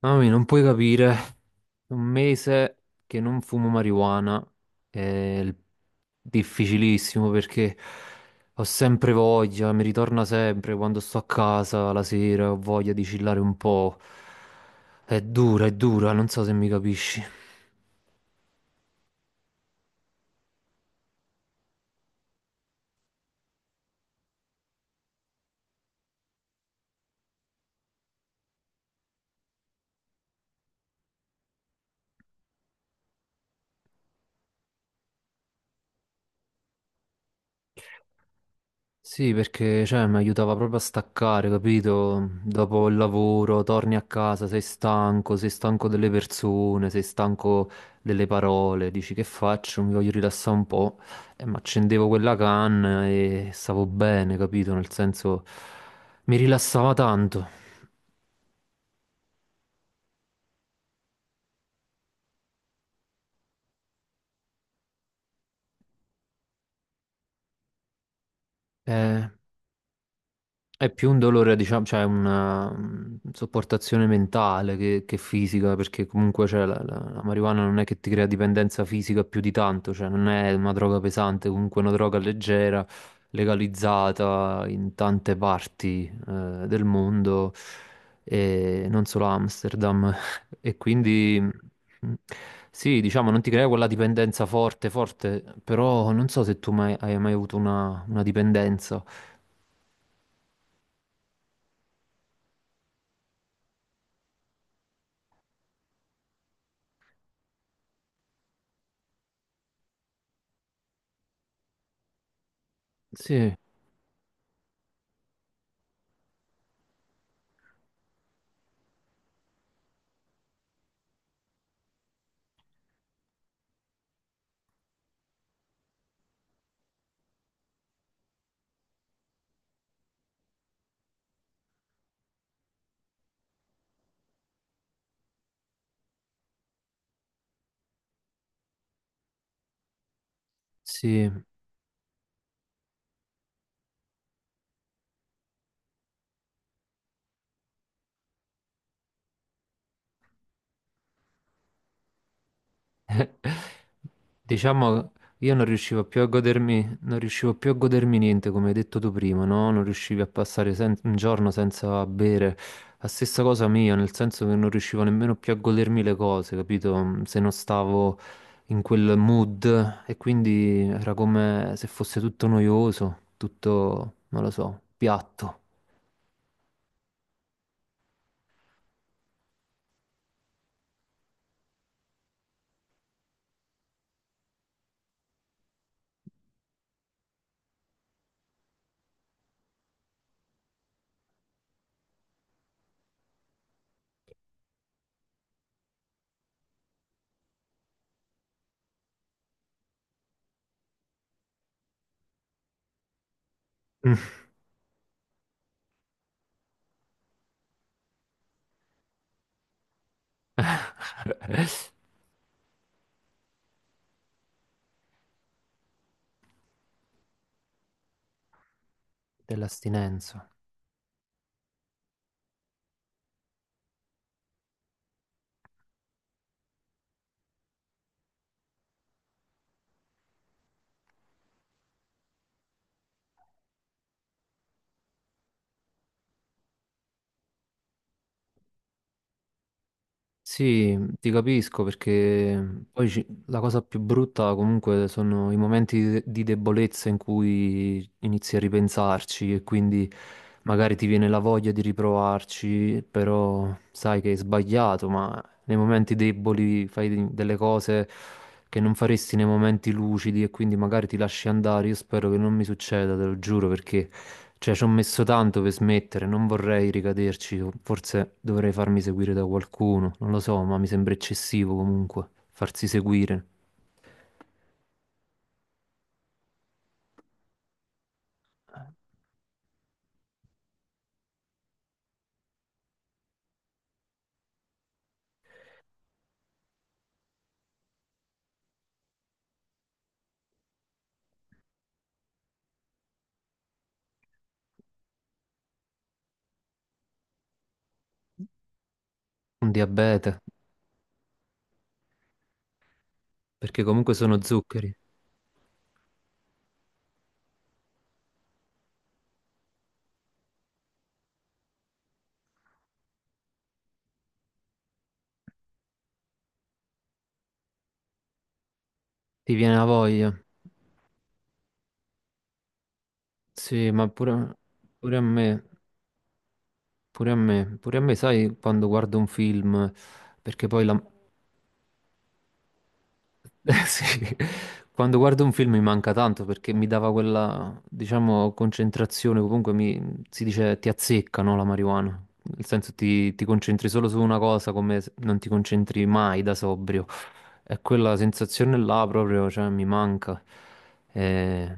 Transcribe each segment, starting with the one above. Mamma mia, non puoi capire, un mese che non fumo marijuana è il- difficilissimo perché ho sempre voglia, mi ritorna sempre quando sto a casa la sera, ho voglia di chillare un po'. È dura, non so se mi capisci. Sì, perché cioè, mi aiutava proprio a staccare, capito? Dopo il lavoro, torni a casa, sei stanco delle persone, sei stanco delle parole, dici che faccio? Mi voglio rilassare un po'. E mi accendevo quella canna e stavo bene, capito? Nel senso, mi rilassava tanto. Eh, È più un dolore, diciamo, cioè una sopportazione mentale che fisica, perché comunque cioè, la marijuana non è che ti crea dipendenza fisica più di tanto, cioè non è una droga pesante, comunque è una droga leggera, legalizzata in tante parti del mondo, e non solo a Amsterdam. E quindi mm, sì, diciamo, non ti crea quella dipendenza forte, forte, però non so se tu mai, hai mai avuto una dipendenza. Sì, sì. Diciamo, io non riuscivo più a godermi, non riuscivo più a godermi niente, come hai detto tu prima, no? Non riuscivi a passare sen- un giorno senza bere. La stessa cosa mia, nel senso che non riuscivo nemmeno più a godermi le cose, capito? Se non stavo in quel mood e quindi era come se fosse tutto noioso, tutto, non lo so, piatto. Dell'astinenza. Sì, ti capisco perché poi la cosa più brutta comunque sono i momenti di di debolezza in cui inizi a ripensarci e quindi magari ti viene la voglia di riprovarci, però sai che hai sbagliato, ma nei momenti deboli fai delle cose che non faresti nei momenti lucidi e quindi magari ti lasci andare. Io spero che non mi succeda, te lo giuro, perché... Cioè, ci ho messo tanto per smettere, non vorrei ricaderci, o forse dovrei farmi seguire da qualcuno, non lo so, ma mi sembra eccessivo comunque farsi seguire. Un diabete, perché comunque sono zuccheri. Ti viene la voglia. Sì, ma pure a me, pure a me, pure a me, sai, quando guardo un film, perché poi la, sì. Quando guardo un film mi manca tanto perché mi dava quella, diciamo, concentrazione, comunque mi, si dice ti azzecca, no, la marijuana. Nel senso ti, ti concentri solo su una cosa come se non ti concentri mai da sobrio. E quella sensazione là proprio, cioè, mi manca. Eh,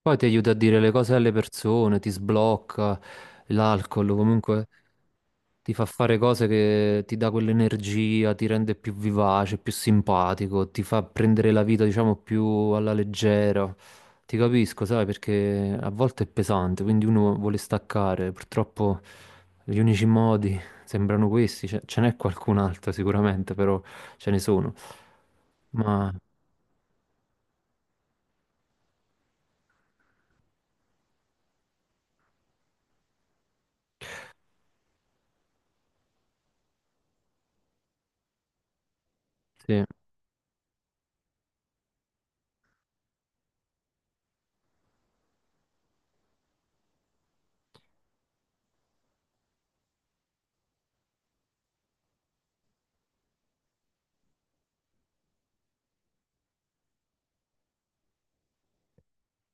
Poi ti aiuta a dire le cose alle persone, ti sblocca l'alcol, comunque ti fa fare cose che ti dà quell'energia, ti rende più vivace, più simpatico, ti fa prendere la vita, diciamo, più alla leggera. Ti capisco, sai, perché a volte è pesante, quindi uno vuole staccare. Purtroppo gli unici modi sembrano questi, ce n'è qualcun altro sicuramente, però ce ne sono. Ma sì,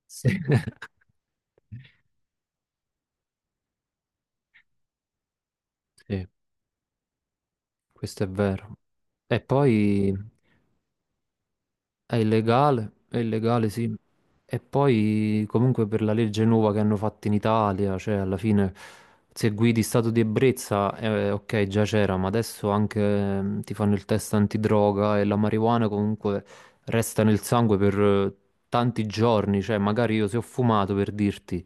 sì, sì, questo è vero. E poi è illegale, sì. E poi comunque per la legge nuova che hanno fatto in Italia, cioè alla fine se guidi stato di ebbrezza, ok, già c'era, ma adesso anche ti fanno il test antidroga e la marijuana comunque resta nel sangue per tanti giorni, cioè magari io se ho fumato per dirti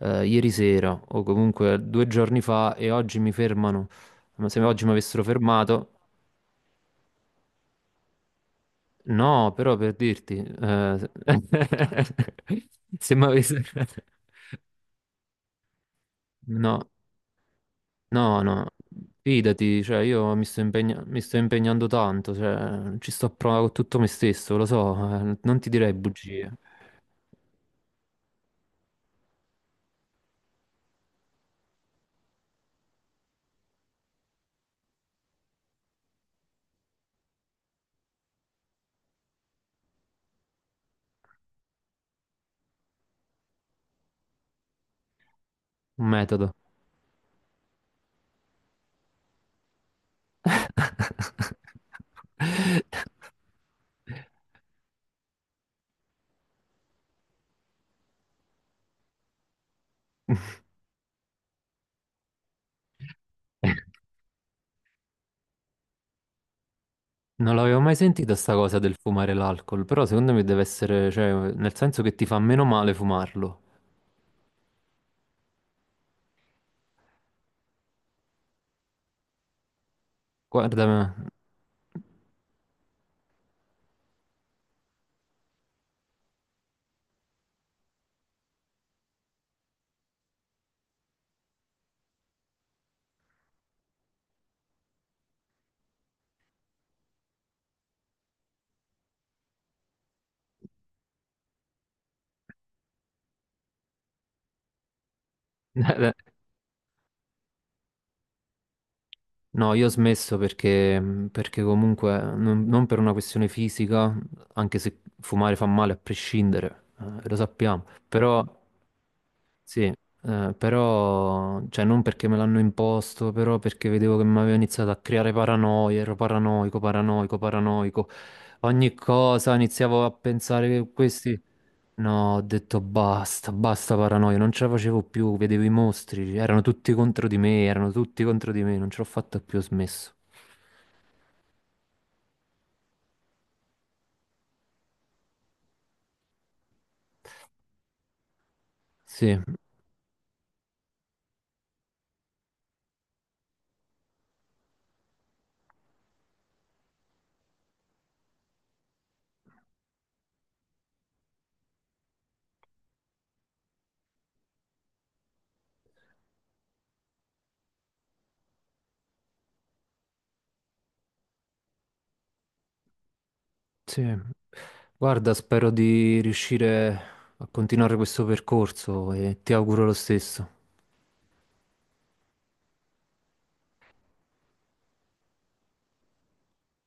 ieri sera o comunque 2 giorni fa e oggi mi fermano, ma se oggi mi avessero fermato... No, però per dirti, se mi avesse... No, no, no, fidati, cioè io mi sto impegnando tanto, cioè ci sto a prova con tutto me stesso, lo so, non ti direi bugie, un metodo. Non l'avevo mai sentita sta cosa del fumare l'alcol, però secondo me deve essere, cioè, nel senso che ti fa meno male fumarlo. Guarda, No, io ho smesso perché, perché comunque non, non per una questione fisica, anche se fumare fa male a prescindere, lo sappiamo, però sì, però cioè non perché me l'hanno imposto, però perché vedevo che mi aveva iniziato a creare paranoia, ero paranoico, paranoico, paranoico. Ogni cosa iniziavo a pensare che questi... No, ho detto basta, basta paranoia, non ce la facevo più, vedevo i mostri, erano tutti contro di me, erano tutti contro di me, non ce l'ho fatta più, ho smesso. Sì, sì. Guarda, spero di riuscire a continuare questo percorso e ti auguro lo stesso.